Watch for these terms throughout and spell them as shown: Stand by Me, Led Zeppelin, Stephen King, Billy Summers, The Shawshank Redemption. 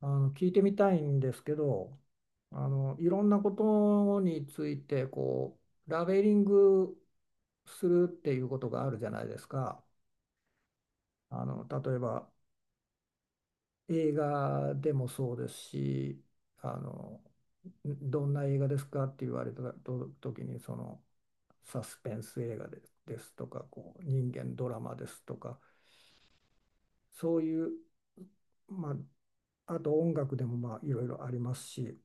聞いてみたいんですけど、いろんなことについてこうラベリングするっていうことがあるじゃないですか。例えば、映画でもそうですし、あのどんな映画ですかって言われたと時にその、サスペンス映画ですとか、こう人間ドラマですとか、そういう、まあ、あと音楽でもまあいろいろありますし。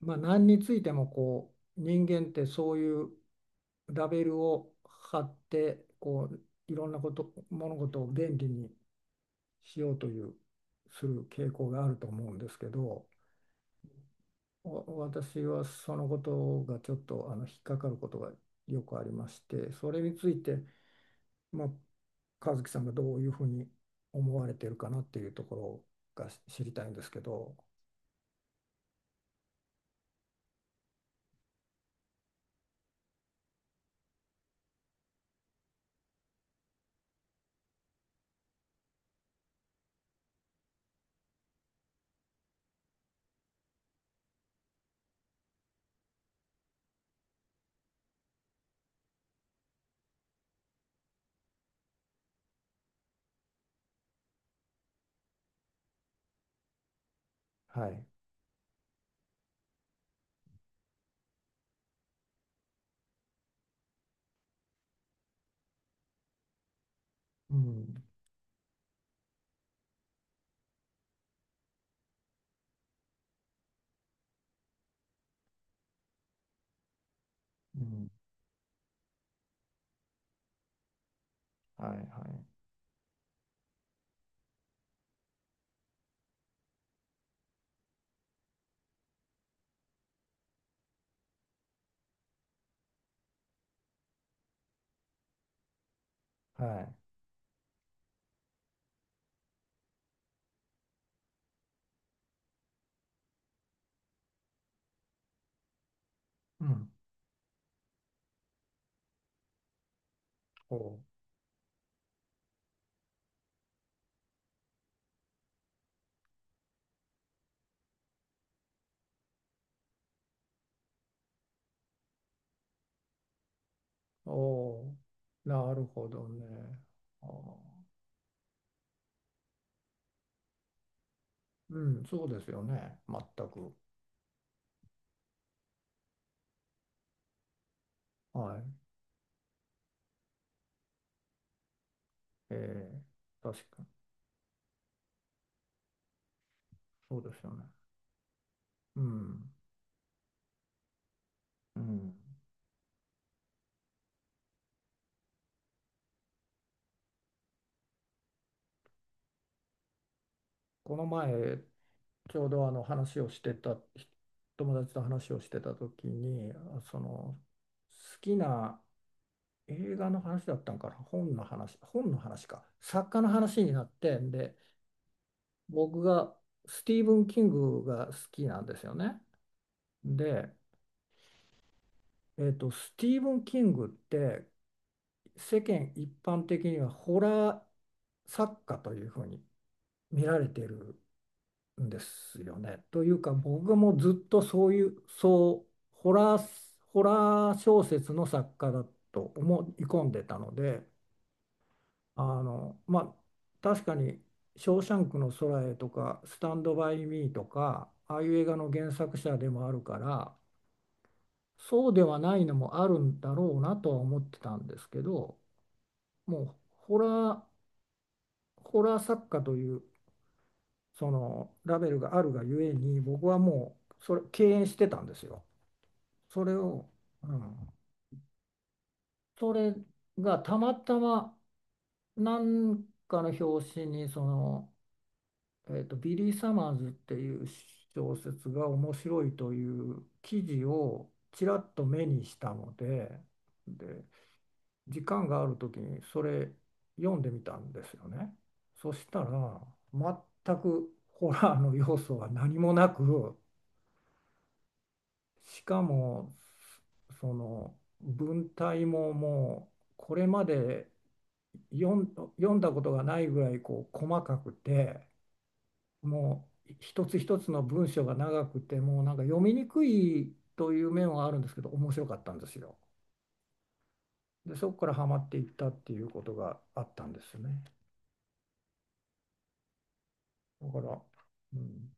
まあ、何についてもこう人間ってそういうラベルを貼って、こういろんな物事を便利にしようというする傾向があると思うんですけど、私はそのことがちょっと引っかかることがよくありまして、それについて、まあ、和樹さんがどういうふうに思われてるかなっていうところが知りたいんですけど。はい。うん。うん。はいはい。はい。うん。おう、おー、なるほどね。あー、うん、そうですよね。全く。はい。ええ、確かに。そうですよね。うん。うん。この前、ちょうどあの話をしてた、友達と話をしてた時に、好きな映画の話だったんかな。本の話か。作家の話になって、で、僕がスティーブン・キングが好きなんですよね。で、スティーブン・キングって世間一般的にはホラー作家というふうに見られてるんですよね。というか僕もずっとそういう、そう、ホラー、ホラー小説の作家だと思い込んでたので、まあ、確かに「ショーシャンクの空へ」とか「スタンド・バイ・ミー」とかああいう映画の原作者でもあるから、そうではないのもあるんだろうなとは思ってたんですけど、もうホラー作家というそのラベルがあるがゆえに、僕はもうそれ敬遠してたんですよ。それを、うん、それがたまたま何かの表紙にその、ビリー・サマーズっていう小説が面白いという記事をちらっと目にしたので、で時間がある時にそれ読んでみたんですよね。そしたら全くホラーの要素は何もなく、しかもその文体も、もうこれまで読んだことがないぐらいこう細かくて、もう一つ一つの文章が長くて、もうなんか読みにくいという面はあるんですけど、面白かったんですよ。でそこからハマっていったっていうことがあったんですね。だから、うん、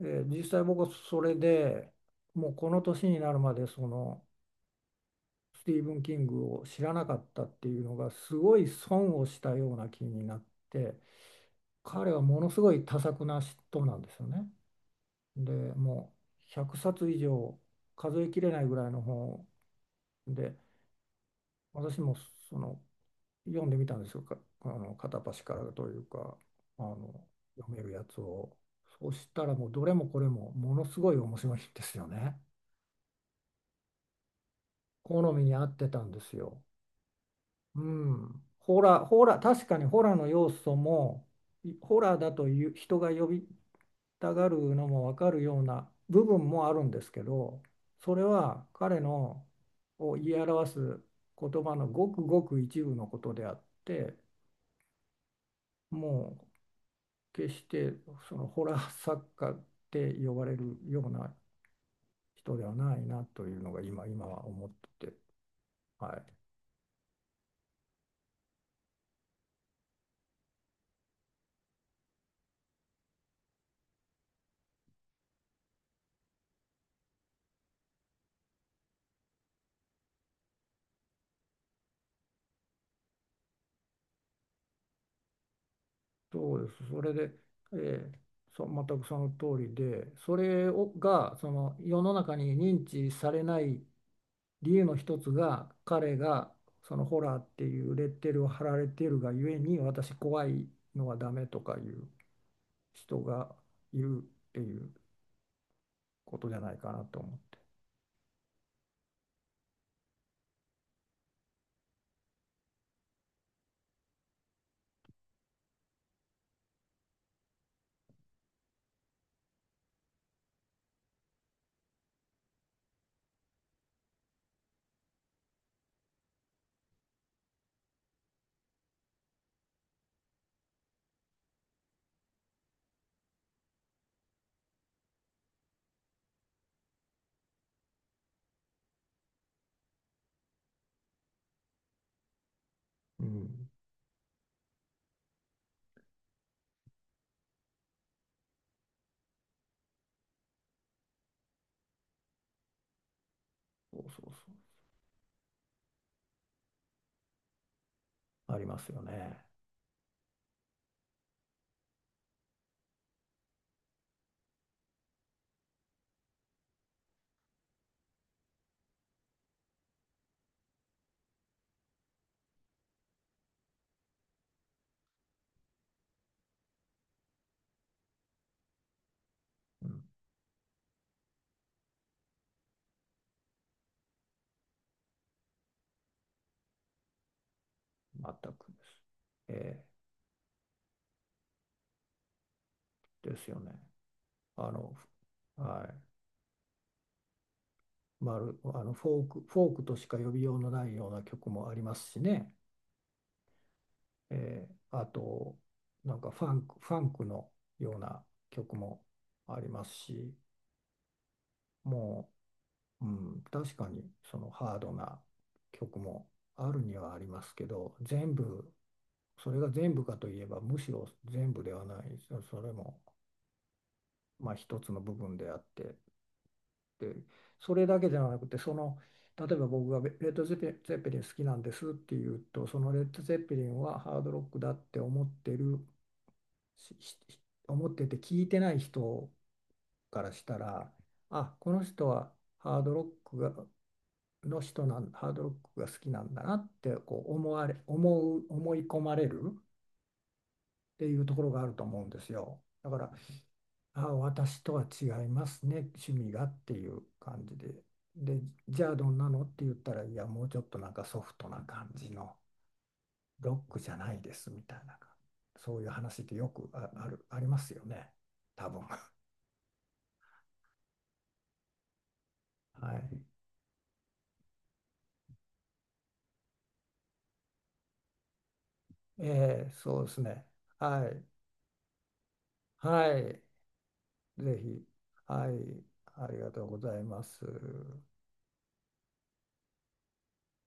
で実際、僕はそれでもうこの年になるまでそのスティーブン・キングを知らなかったっていうのがすごい損をしたような気になって、彼はものすごい多作な人なんですよね。でもう100冊以上、数えきれないぐらいの本で、私もその読んでみたんですよ、か、あの片っ端からというか、あの読めるやつを。そしたらもうどれもこれもものすごい面白いんですよね。好みに合ってたんですよ。うん。ホラー、ホラー、確かにホラーの要素も、ホラーだという人が呼びたがるのも分かるような部分もあるんですけど、それは彼のを言い表す言葉のごくごく一部のことであって、もう決してそのホラー作家って呼ばれるような人ではないなというのが、今は思ってて、はい、そうです。それで、えーそ全くその通りで、それがその世の中に認知されない理由の一つが、彼がそのホラーっていうレッテルを貼られているがゆえに、私怖いのはダメとかいう人がいるっていうことじゃないかなと思って。うん、そうそうそう。ありますよね。うん、全くです。えですよね。あの、はい。フォークとしか呼びようのないような曲もありますしね。あと、なんかファンクのような曲もありますし、もうん、確かにそのハードな曲もあるにはありますけど、それが全部かといえば、むしろ全部ではない、それも、まあ、一つの部分であって、それだけじゃなくて例えば、僕がレッド・ゼッペリン好きなんですって言うと、そのレッド・ゼッペリンはハードロックだってしし思ってて聞いてない人からしたら、あ、この人はハードロックがハードロックが好きなんだなって、こう思われ思う思い込まれるっていうところがあると思うんですよ。だから、あ、私とは違いますね、趣味がっていう感じで。で、じゃあどんなのって言ったら、いや、もうちょっとなんかソフトな感じのロックじゃないですみたいな、そういう話ってよくあ、ある、ありますよね、多分。はい。そうですね。はい。はい。ぜひ。はい。ありがとうございます。